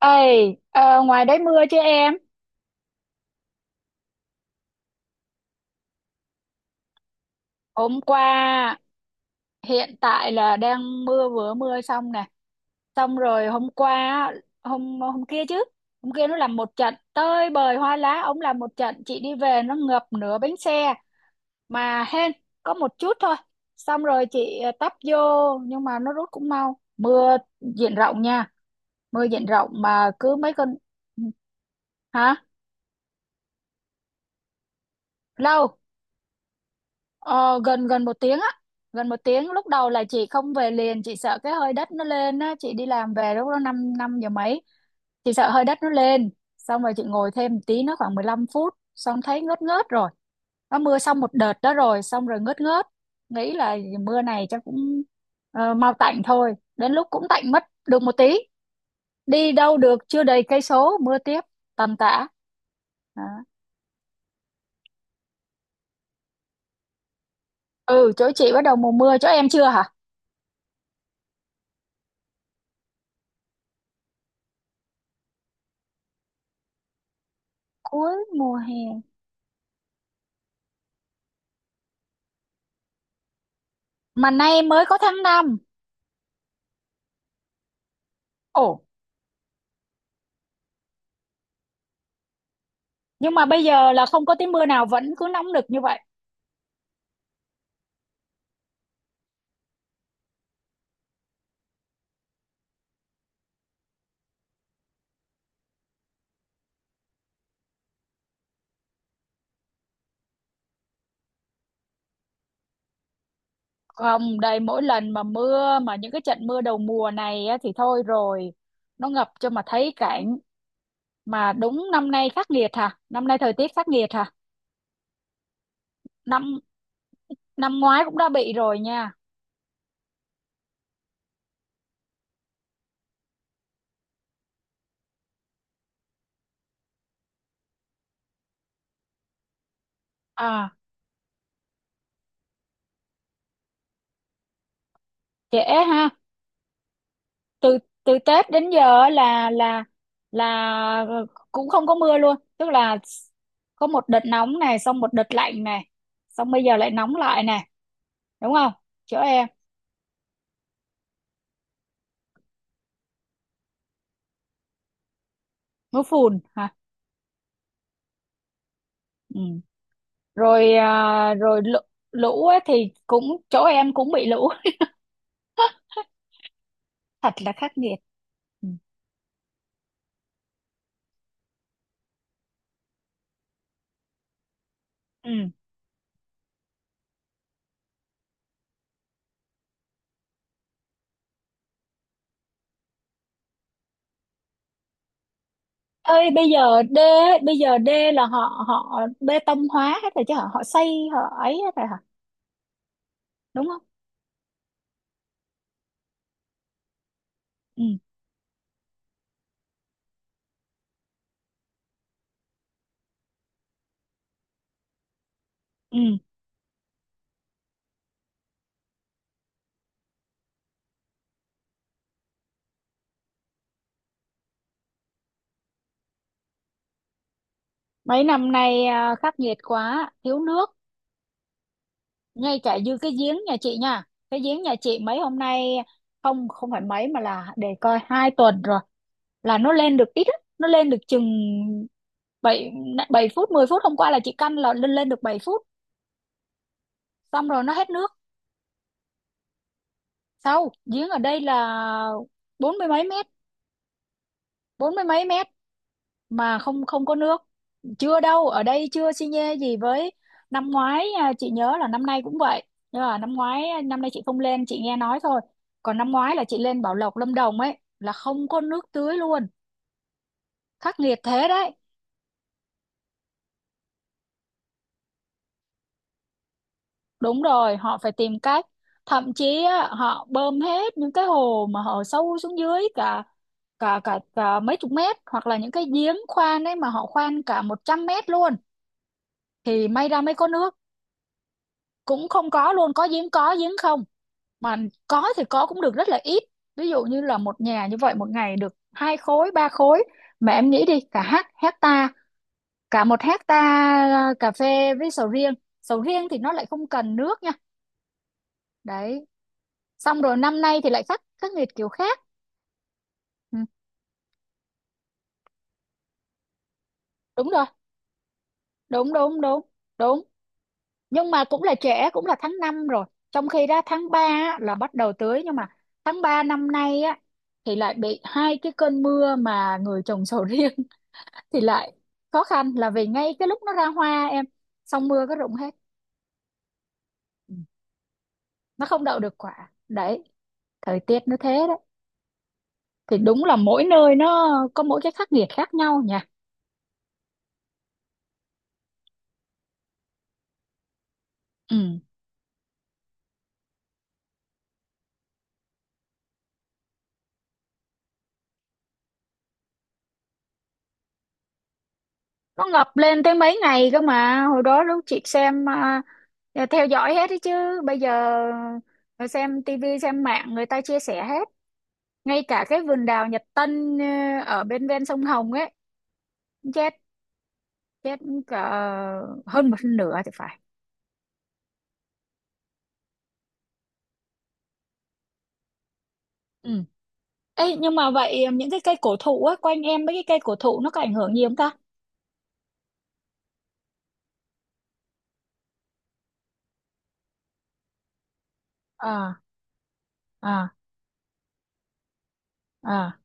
Ê, ngoài đấy mưa chứ em? Hôm qua hiện tại là đang mưa vừa mưa xong nè. Xong rồi hôm qua hôm hôm kia chứ. Hôm kia nó làm một trận tơi bời hoa lá, ông làm một trận chị đi về nó ngập nửa bánh xe mà hên có một chút thôi. Xong rồi chị tấp vô, nhưng mà nó rút cũng mau. Mưa diện rộng nha, mưa diện rộng mà cứ mấy con. Hả? Lâu. Ờ, Gần gần một tiếng á, gần một tiếng. Lúc đầu là chị không về liền, chị sợ cái hơi đất nó lên á. Chị đi làm về lúc đó năm năm giờ mấy, chị sợ hơi đất nó lên, xong rồi chị ngồi thêm một tí, nó khoảng 15 phút xong thấy ngớt ngớt rồi. Nó mưa xong một đợt đó rồi, xong rồi ngớt ngớt, nghĩ là mưa này chắc cũng mau tạnh thôi. Đến lúc cũng tạnh mất được một tí, đi đâu được chưa đầy cây số mưa tiếp tầm tã. Đó. Ừ, chỗ chị bắt đầu mùa mưa, chỗ em chưa hả? Cuối mùa hè, mà nay mới có tháng năm. Ồ, nhưng mà bây giờ là không có tí mưa nào vẫn cứ nóng nực như vậy. Không, đây mỗi lần mà mưa mà những cái trận mưa đầu mùa này á, thì thôi rồi, nó ngập cho mà thấy cảnh. Mà đúng năm nay khắc nghiệt hả, năm nay thời tiết khắc nghiệt hả? Năm, năm ngoái cũng đã bị rồi nha. À, trễ ha. Từ, từ Tết đến giờ á là cũng không có mưa luôn, tức là có một đợt nóng này, xong một đợt lạnh này, xong bây giờ lại nóng lại này. Đúng không? Chỗ em mưa phùn hả? Ừ. Rồi rồi lũ, lũ ấy thì cũng chỗ em cũng bị lũ. Thật là khắc nghiệt. Ừ. Ừ. Ơi, bây giờ đê, bây giờ đê là họ họ bê tông hóa hết rồi chứ hả, họ xây họ ấy hết rồi hả? Đúng không? Ừ. Ừ. Mấy năm nay khắc nghiệt quá, thiếu nước, ngay cả như cái giếng nhà chị nha. Cái giếng nhà chị mấy hôm nay không không phải mấy mà là để coi hai tuần rồi là nó lên được ít á, nó lên được chừng bảy, 7 phút 10 phút. Hôm qua là chị căn là lên lên được 7 phút, xong rồi nó hết nước. Sau giếng ở đây là bốn mươi mấy mét, bốn mươi mấy mét mà không không có nước. Chưa đâu, ở đây chưa xi nhê gì với năm ngoái. Chị nhớ là năm nay cũng vậy, nhưng mà năm ngoái năm nay chị không lên, chị nghe nói thôi. Còn năm ngoái là chị lên Bảo Lộc Lâm Đồng ấy là không có nước tưới luôn. Khắc nghiệt thế đấy. Đúng rồi, họ phải tìm cách. Thậm chí á, họ bơm hết những cái hồ mà họ sâu xuống dưới cả cả mấy chục mét, hoặc là những cái giếng khoan ấy mà họ khoan cả 100 mét luôn thì may ra mới có nước. Cũng không có luôn, có giếng không, mà có thì có cũng được rất là ít. Ví dụ như là một nhà như vậy một ngày được hai khối ba khối, mà em nghĩ đi cả hát hecta, cả một hecta cà phê với sầu riêng. Sầu riêng thì nó lại không cần nước nha. Đấy. Xong rồi năm nay thì lại khắc khắc nghiệt kiểu khác. Ừ, đúng rồi. Đúng. Đúng. Nhưng mà cũng là trễ, cũng là tháng 5 rồi. Trong khi đó tháng 3 là bắt đầu tưới, nhưng mà tháng 3 năm nay á thì lại bị hai cái cơn mưa, mà người trồng sầu riêng thì lại khó khăn là vì ngay cái lúc nó ra hoa em, xong mưa cái rụng hết. Ừ. Nó không đậu được quả. Đấy, thời tiết nó thế đấy. Thì đúng là mỗi nơi nó có mỗi cái khắc nghiệt khác nhau nhỉ. Ừ. Nó ngập lên tới mấy ngày cơ mà. Hồi đó lúc chị xem theo dõi hết đấy chứ. Bây giờ xem tivi xem mạng người ta chia sẻ hết. Ngay cả cái vườn đào Nhật Tân ở bên ven sông Hồng ấy, chết, chết cả hơn một nửa thì phải. Ừ. Ê, nhưng mà vậy những cái cây cổ thụ á, quanh em mấy cái cây cổ thụ nó có ảnh hưởng gì không ta? À, à, à,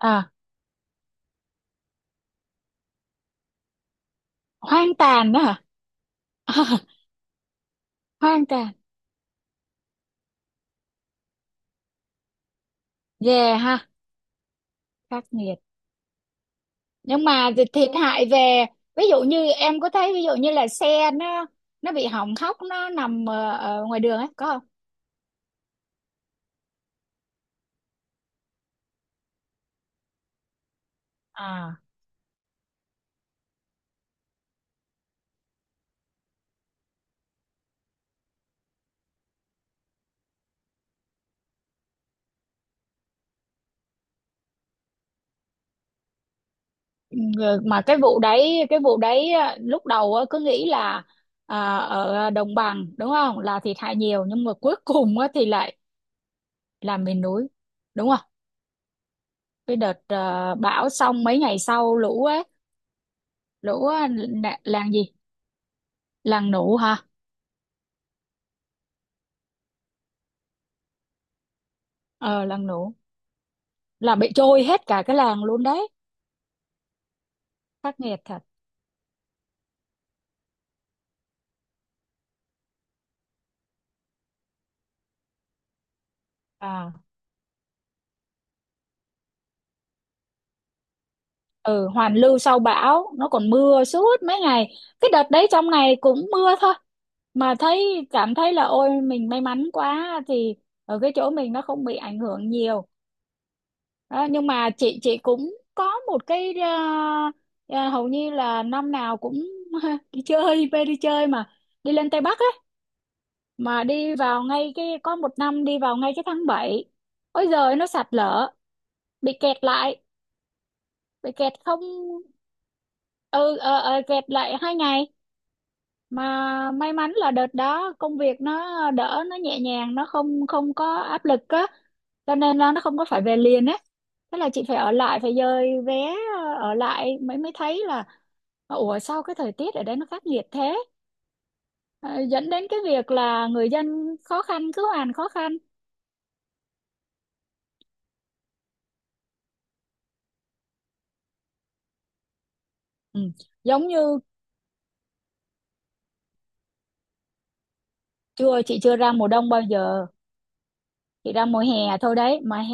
à, hoang tàn đó hả? Hoang tàn. Yeah ha, khắc nghiệt. Nhưng mà thì thiệt hại về, ví dụ như em có thấy ví dụ như là xe nó bị hỏng hóc nó nằm ở ngoài đường ấy, có không? À, ừ, mà cái vụ đấy lúc đầu cứ nghĩ là ở đồng bằng đúng không là thiệt hại nhiều, nhưng mà cuối cùng á thì lại là miền núi, đúng không? Cái đợt bão xong mấy ngày sau lũ ấy, lũ làng gì, làng nủ hả? Ờ, làng nủ là bị trôi hết cả cái làng luôn đấy. Khắc nghiệt thật. À, ừ, hoàn lưu sau bão nó còn mưa suốt mấy ngày. Cái đợt đấy trong ngày cũng mưa thôi, mà thấy cảm thấy là ôi mình may mắn quá thì ở cái chỗ mình nó không bị ảnh hưởng nhiều. Đó, nhưng mà chị cũng có một cái ờ, hầu như là năm nào cũng đi chơi về, đi chơi mà đi lên Tây Bắc á, mà đi vào ngay cái có một năm đi vào ngay cái tháng 7, ôi giời nó sạt lở, bị kẹt lại. Bị kẹt không. Ừ, kẹt lại hai ngày, mà may mắn là đợt đó công việc nó đỡ, nó nhẹ nhàng, nó không không có áp lực á, cho nên là nó không có phải về liền á. Thế là chị phải ở lại, phải dời vé, ở lại mới mới thấy là ủa sao cái thời tiết ở đây nó khắc nghiệt thế. Ờ, dẫn đến cái việc là người dân khó khăn cứ hoàn khó khăn. Ừ. Giống như chưa, chị chưa ra mùa đông bao giờ, chị ra mùa hè thôi đấy mà.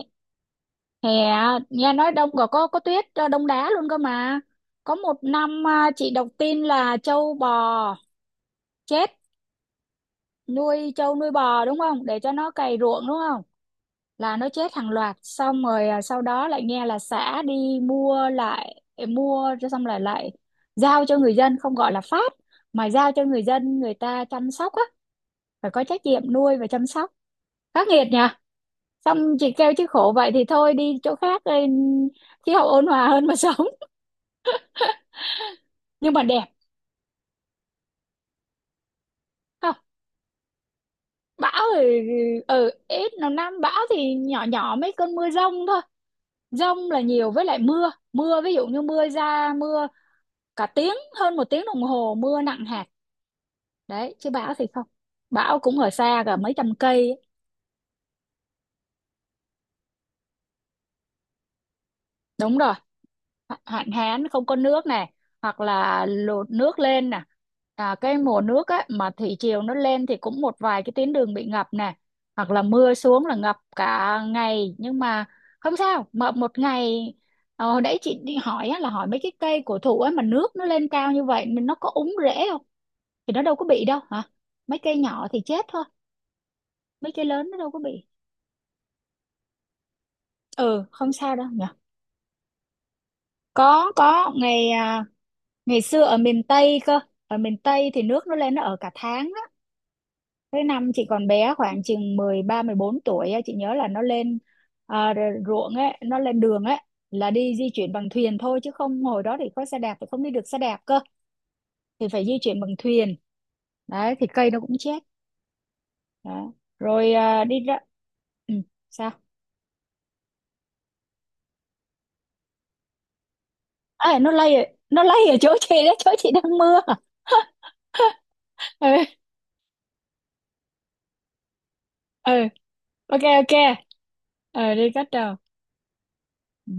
Hè. Nghe nói đông còn có tuyết đông đá luôn cơ mà. Có một năm chị đọc tin là trâu bò chết, nuôi trâu nuôi bò đúng không, để cho nó cày ruộng đúng không, là nó chết hàng loạt, xong rồi sau đó lại nghe là xã đi mua lại, mua cho xong lại lại giao cho người dân, không gọi là phát mà giao cho người dân, người ta chăm sóc á, phải có trách nhiệm nuôi và chăm sóc. Khắc nghiệt nhỉ. Xong chị kêu chứ khổ vậy thì thôi đi chỗ khác đi, khí hậu ôn hòa hơn mà sống. Nhưng mà đẹp. Không. Bão ở, ở ít, nào năm bão thì nhỏ nhỏ mấy cơn mưa dông thôi. Dông là nhiều, với lại mưa, mưa ví dụ như mưa ra mưa cả tiếng, hơn một tiếng đồng hồ mưa nặng hạt. Đấy, chứ bão thì không, bão cũng ở xa cả mấy trăm cây ấy. Đúng rồi, hạn hán không có nước này, hoặc là lụt nước lên nè. À, cái mùa nước á mà thủy triều nó lên thì cũng một vài cái tuyến đường bị ngập nè, hoặc là mưa xuống là ngập cả ngày, nhưng mà không sao, mà một ngày. Ờ, hồi nãy chị đi hỏi á, là hỏi mấy cái cây cổ thụ á mà nước nó lên cao như vậy mình nó có úng rễ không, thì nó đâu có bị đâu hả, mấy cây nhỏ thì chết thôi, mấy cây lớn nó đâu có bị. Ừ, không sao đâu nhỉ. Có ngày ngày xưa ở miền Tây cơ, ở miền Tây thì nước nó lên nó ở cả tháng á. Cái năm chị còn bé khoảng chừng 13 14 tuổi á, chị nhớ là nó lên, ruộng ấy, nó lên đường ấy, là đi di chuyển bằng thuyền thôi, chứ không hồi đó thì có xe đạp thì không đi được xe đạp cơ, thì phải di chuyển bằng thuyền. Đấy thì cây nó cũng chết. Đó. Rồi đi ra, ừ, sao? À, nó lay ở-, nó lay ở chỗ chị đó, chỗ chị đang mưa. Ừ, ừ. Ok ok. Ờ đi cắt đầu. Ừ.